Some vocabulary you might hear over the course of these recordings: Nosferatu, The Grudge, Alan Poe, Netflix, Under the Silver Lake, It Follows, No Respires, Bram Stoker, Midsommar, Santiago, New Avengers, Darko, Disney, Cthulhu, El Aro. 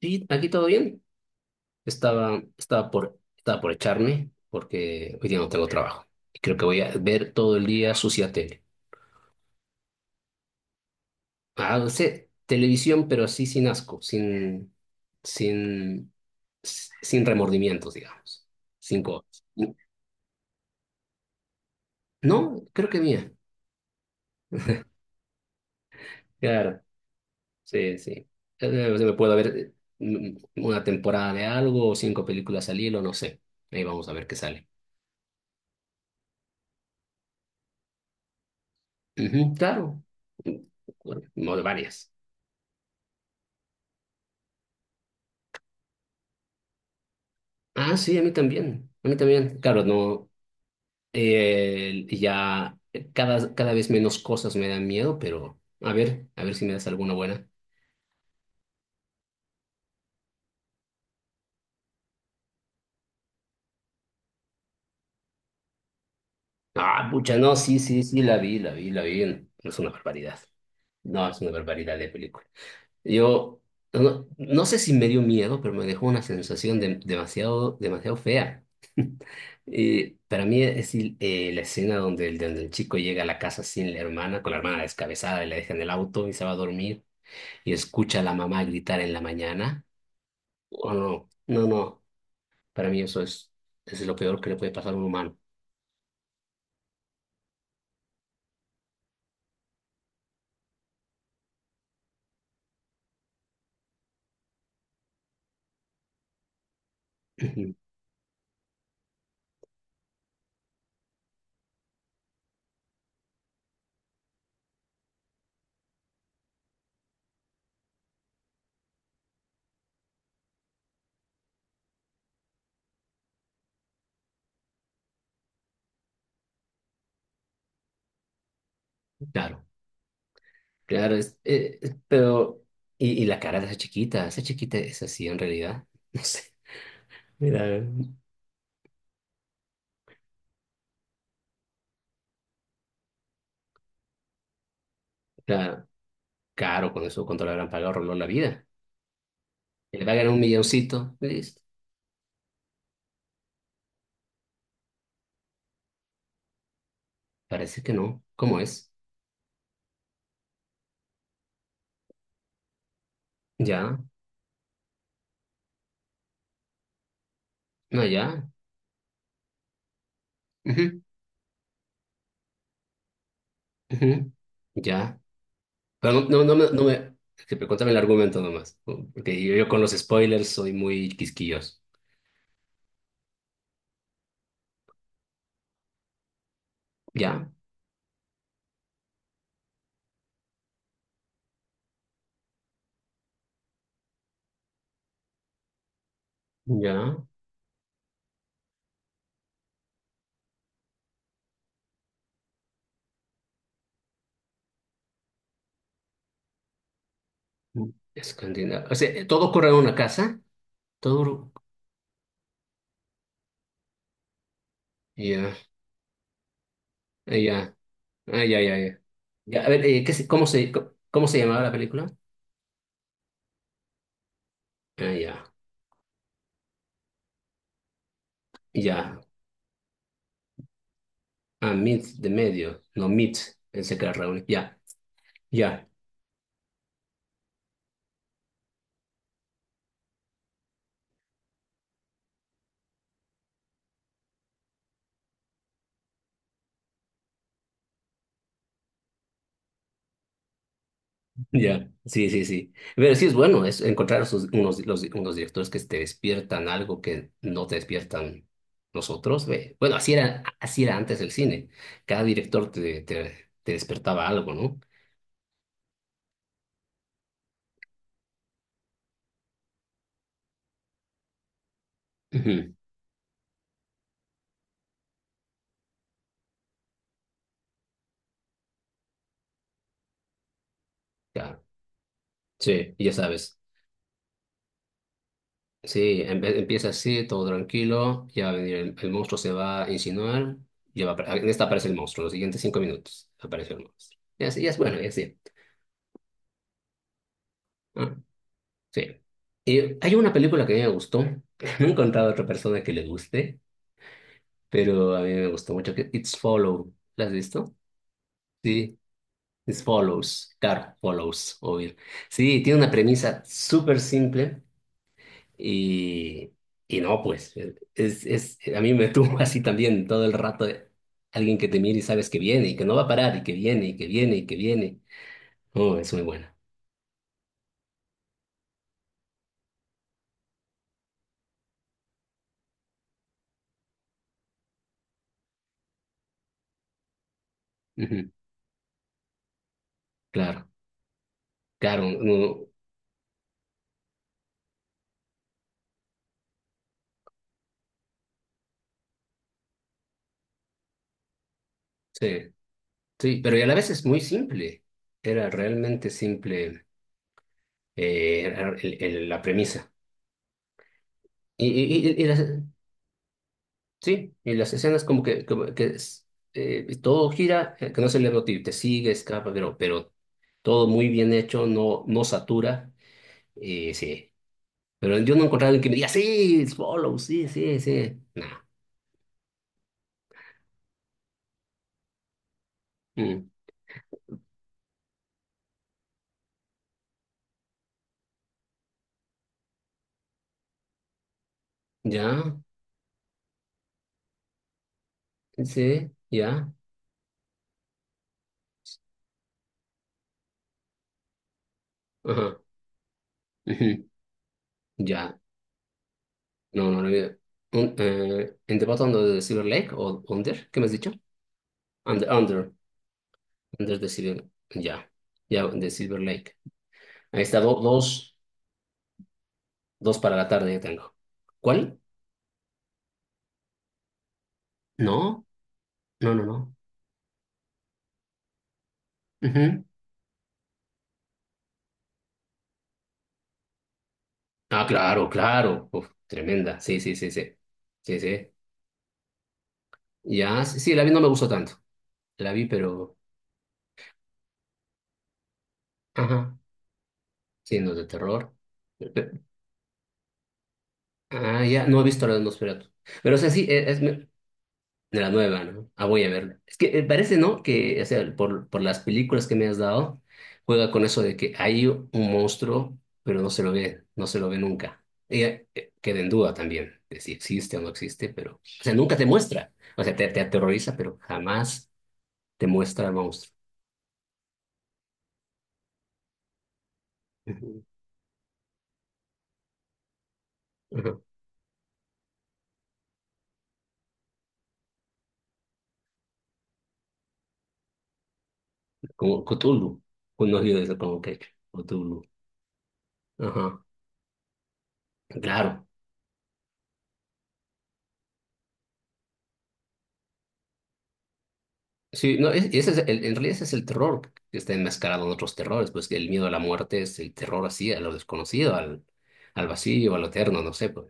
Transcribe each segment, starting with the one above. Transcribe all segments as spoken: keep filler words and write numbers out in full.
Sí, aquí todo bien. Estaba, estaba por, estaba por echarme porque hoy día no tengo trabajo. Y creo que voy a ver todo el día sucia tele. Ah, no sé, televisión, pero así sin asco, sin, sin, sin remordimientos, digamos. Sin cosas. No, creo que mía. Claro, sí, sí. Eh, o sea, me puedo ver mm, una temporada de algo o cinco películas al hilo, no sé. Ahí vamos a ver qué sale. Ujú, claro. Mm, Bueno, no, de varias. Ah, sí, a mí también, a mí también. Claro, no, eh, ya eh, cada, cada vez menos cosas me dan miedo, pero a ver, a ver si me das alguna buena. Ah, pucha, no, sí, sí, sí, la vi, la vi, la vi. No es una barbaridad. No, es una barbaridad de película. Yo no, no sé si me dio miedo, pero me dejó una sensación de- demasiado, demasiado fea. Y para mí es el- eh, la escena donde el, donde el chico llega a la casa sin la hermana, con la hermana descabezada y la deja en el auto y se va a dormir. Y escucha a la mamá gritar en la mañana. O no, no, no, para mí eso es, es lo peor que le puede pasar a un humano. Ujú. Claro, claro, es, eh, eh, pero, y, y la cara de esa chiquita, esa chiquita es así en realidad, no sé, mira, claro, caro con eso, cuánto le habrán pagado, roló la vida, y le pagan un milloncito, listo, parece que no, ¿cómo es? Ya, no, ya, ujú, ujú, ya. Pero no, no, no me, no me- que- pero cuéntame el argumento nomás, ¿no? Porque yo, yo con los spoilers soy muy quisquilloso. Ya, ya. Escandinavia. O sea, todo ocurre en una casa. Todo. Ya, ah, ya, ah, ya, ya, ya. Ya, a ver, eh, ¿qué se- cómo se, co- cómo se llamaba la película? Ah, ya, ya. Ah, Meet de medio. No, Meet. Pensé que era reunir. Ya, ya. Ya, sí, sí, sí. Pero sí es bueno es encontrar sus- unos, los- unos directores que te despiertan algo que no te despiertan nosotros. Ve. Bueno, así era, así era antes el cine. Cada director te, te, te despertaba algo, ¿no? Ujú. Ya, sí, ya sabes. Sí, em- empieza así, todo tranquilo, ya va a venir el, el monstruo, se va a insinuar, ya va a apar- en esta aparece el monstruo, los siguientes cinco minutos aparece el monstruo. Y así, ya es bueno, y así. Ah. Sí. Y hay una película que a mí me gustó. No he encontrado a otra persona que le guste, pero a mí me gustó mucho, que It's Follow. ¿La has visto? Sí, It's Follows. Claro, Follows, oír. Sí, tiene una premisa súper simple y, y no, pues, es, es, a mí me tuvo así también todo el rato de alguien que te mira y sabes que viene y que no va a parar y que viene y que viene y que viene. Oh, es muy buena. Ujú, claro, claro, no, sí. Sí, pero y a la vez es muy simple. Era realmente simple, eh, era el- el- la premisa. Y, y- y- y las, sí, y las escenas como que, como que es, eh, todo gira, eh, que no es el libro, te te sigue, escapa, pero, pero todo muy bien hecho, no, no satura. Y sí, pero yo no he encontrado alguien que me diga, sí, it's follow, sí, sí, sí. No. Mm. Ya, sí, ya. Ajá. Ujú, ya. No, no, no. Había- Un- eh, ¿en The Bottom of the Silver Lake o Under? ¿Qué me has dicho? Under, Under, Under the Silver. Ya, ya, de Silver Lake. Ahí está, do- dos, dos para la tarde ya tengo. ¿Cuál? No, no, no, no. Ujú. Ah, claro, claro. Uf, tremenda. Sí, sí, sí, sí. Sí, sí. Ya, sí, sí, la vi, no me gustó tanto. La vi, pero. Ajá. Sí, no es de terror. Pe- Ah, ya, no he visto la de Nosferatu. Pero, o sea, sí, es, es- de la nueva, ¿no? Ah, voy a verla. Es que eh, parece, ¿no? Que, o sea, por, por las películas que me has dado, juega con eso de que hay un monstruo, pero no se lo ve, no se lo ve nunca. Y, eh, queda en duda también de si existe o no existe, pero, o sea, nunca te muestra. O sea, te, te aterroriza, pero jamás te muestra el monstruo. Ujú. Ajá. Como Cthulhu, un oído de eso como que Cthulhu. Ajá. Claro. Sí, no, es- ese es el- en realidad ese es el terror que está enmascarado en otros terrores, pues que el miedo a la muerte es el terror así, a lo desconocido, al, al vacío, a lo eterno, no sé, pues.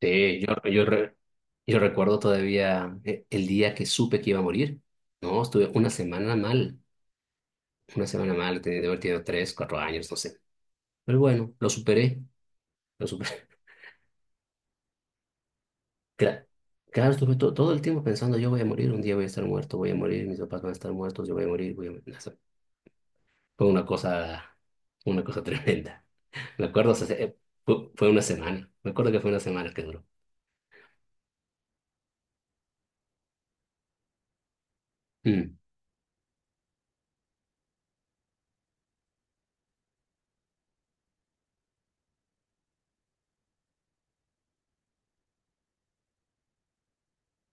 Sí, yo, yo, re- yo recuerdo todavía eh, el día que supe que iba a morir, ¿no? Estuve una semana mal, una semana mal, tenía de haber tenido tres, cuatro años, no sé. Pero bueno, lo superé, lo superé. Cla- Claro, estuve to- todo el tiempo pensando, yo voy a morir, un día voy a estar muerto, voy a morir, mis papás van a estar muertos, yo voy a morir, voy a morir. Fue una cosa, una cosa tremenda. Me acuerdo, o sea, eh, fue, fue una semana. Me acuerdo que fue una semana que duró. Mm,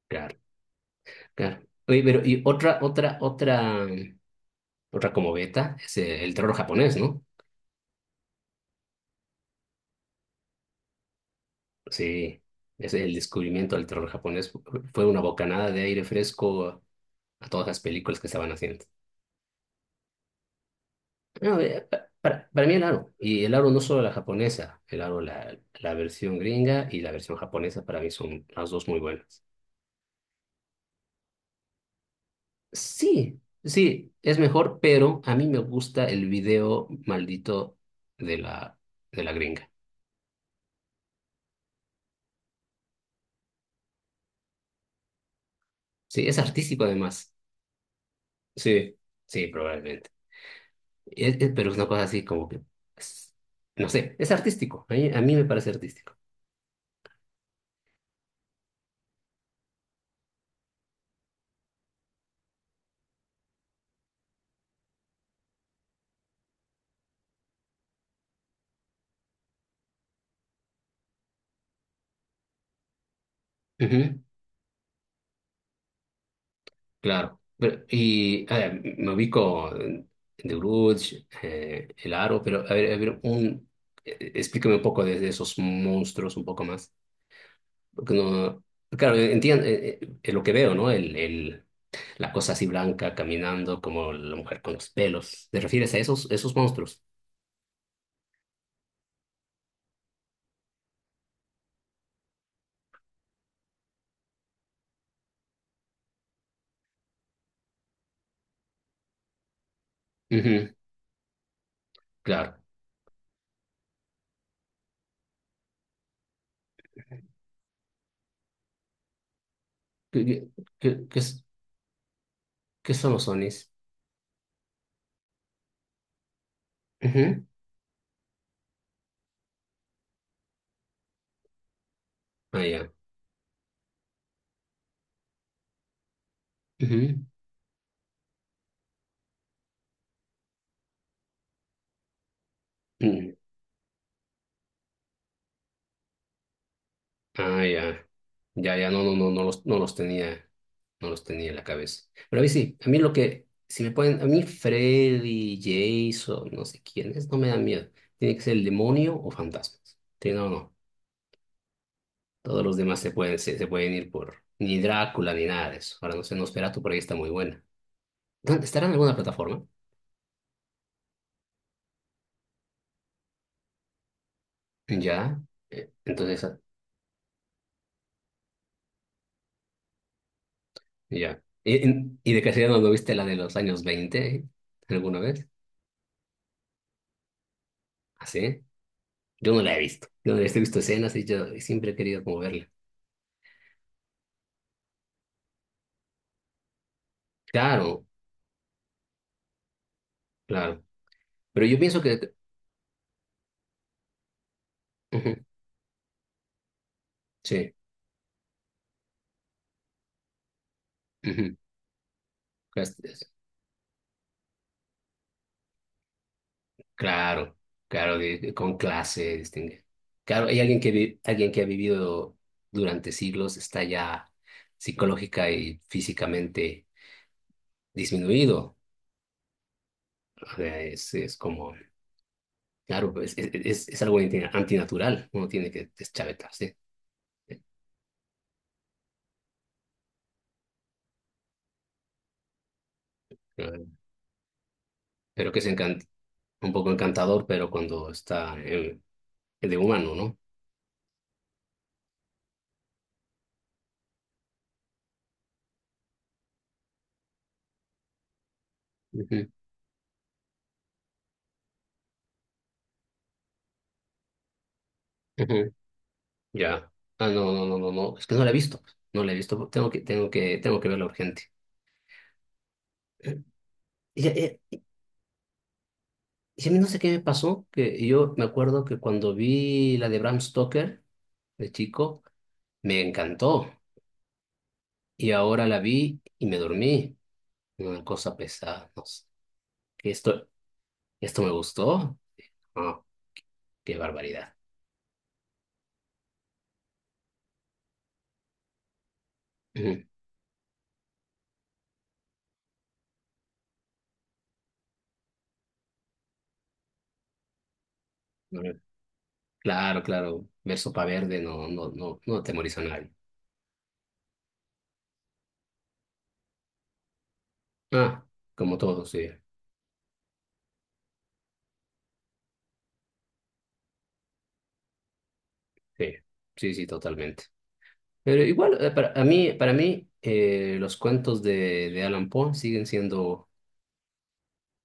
claro, claro. Oye, pero y otra, otra, otra, otra como beta es eh, el terror japonés, ¿no? Sí, es el descubrimiento del terror japonés fu- fue una bocanada de aire fresco a todas las películas que estaban haciendo. No, eh, pa- para, para mí el aro, y el aro no solo la japonesa, el aro la, la versión gringa y la versión japonesa para mí son las dos muy buenas. Sí, sí, es mejor, pero a mí me gusta el video maldito de la, de la gringa. Sí, es artístico además. Sí, sí, probablemente. Es- es- pero es una cosa así como que, es- no sé, es artístico. A mí, a mí me parece artístico. Ujú, claro. Pero- y a ver, me ubico en The Grudge, eh, El Aro, pero a ver, a ver, un, eh, explícame un poco de, de esos monstruos un poco más. Porque no, claro, entiendo lo que veo, ¿no? El, el, la cosa así blanca caminando como la mujer con los pelos. ¿Te refieres a esos, esos monstruos? Ujú, claro. ¿Qué, qué, qué- qué es- qué son los onis? Ujú, ah, ya. Ujú, mm, ah, ya. Ya, ya, no, no, no, no los, no los tenía, no los tenía en la cabeza. Pero a mí sí, a mí lo que, si me ponen, a mí Freddy, Jason, no sé quién es, no me da miedo. Tiene que ser el demonio o fantasmas. Sí, no, no. Todos los demás se pueden, se, se pueden ir por ni Drácula ni nada de eso. Ahora no sé, Nosferatu por ahí está muy buena. ¿Dónde- ¿Estará en alguna plataforma? Ya. eh, Entonces, ah, ya. ¿Y, en- y de casualidad no no viste la de los años veinte alguna vez? ¿Así? Yo no la he visto. Yo no la he visto he visto escenas y yo siempre he querido como verla. Claro, claro. Pero yo pienso que... Ujú, sí. Ujú. Pues, claro, claro, de- de- con clase, distingue. Claro, hay alguien que, vi- alguien que ha vivido durante siglos está ya psicológica y físicamente disminuido. O sea, es, es como, claro, pues, es, es, es algo anti- antinatural, uno tiene que deschavetarse. Eh, Pero que es encan- un poco encantador, pero cuando está eh, de humano, ¿no? Ujú, ujú, ya. Ah, no, no, no, no, no, es que no la he visto, no la he visto, tengo que, tengo que, tengo que verla urgente. Y sí, no sé qué me pasó, que yo me acuerdo que cuando vi la de Bram Stoker, de chico, me encantó. Y ahora la vi y me dormí. Una cosa pesada, no sé. ¿Qué esto, esto me gustó? Ah, qué barbaridad. Ujú. Claro, claro. Ver Sopa Verde no, no, no, no atemoriza a nadie. Ah, como todo, sí. Sí, sí, sí, totalmente. Pero igual, eh, para a mí, para mí eh, los cuentos de, de Alan Poe siguen siendo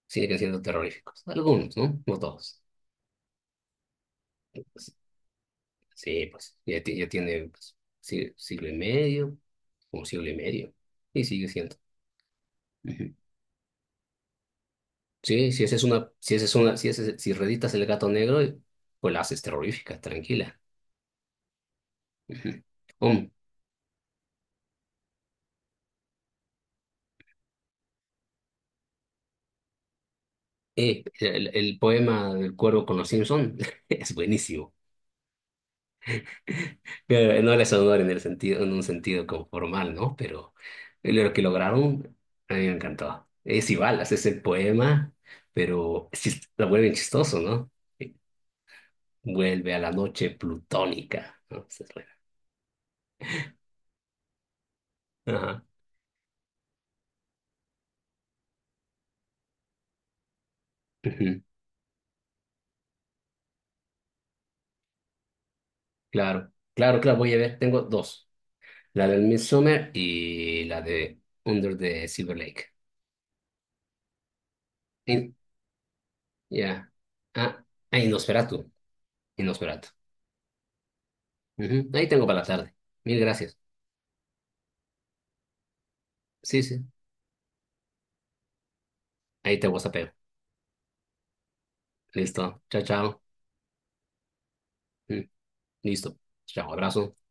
siguen siendo terroríficos. Algunos, ¿no? No todos. Pues, sí, pues ya, ti- ya tiene pues, si- siglo y medio, un siglo y medio, y sigue siendo. Ujú. Sí, si esa es una, si esa es una, si ese es- si reditas el gato negro, pues la haces terrorífica, tranquila. Ujú. Um, eh, el, el poema del cuervo con los Simpson es buenísimo. Pero no les honor en el sentido, en un sentido como formal, ¿no? Pero lo que lograron a mí me encantó. Es igual, haces el poema, pero sí es chis- lo vuelven chistoso, ¿no? Eh, Vuelve a la noche plutónica, ¿no? Esa es buena. Ajá. Ujú. Claro, claro, claro, voy a ver, tengo dos. La del Midsummer y la de Under the Silver Lake. Y- Ya. Ah, ah, y Nosferatu. Y Nosferatu. Ujú. Ahí tengo para la tarde. Mil gracias. Sí, sí. Ahí te WhatsApp. Listo. Chao, chao. Mm, Listo. Chao, abrazo.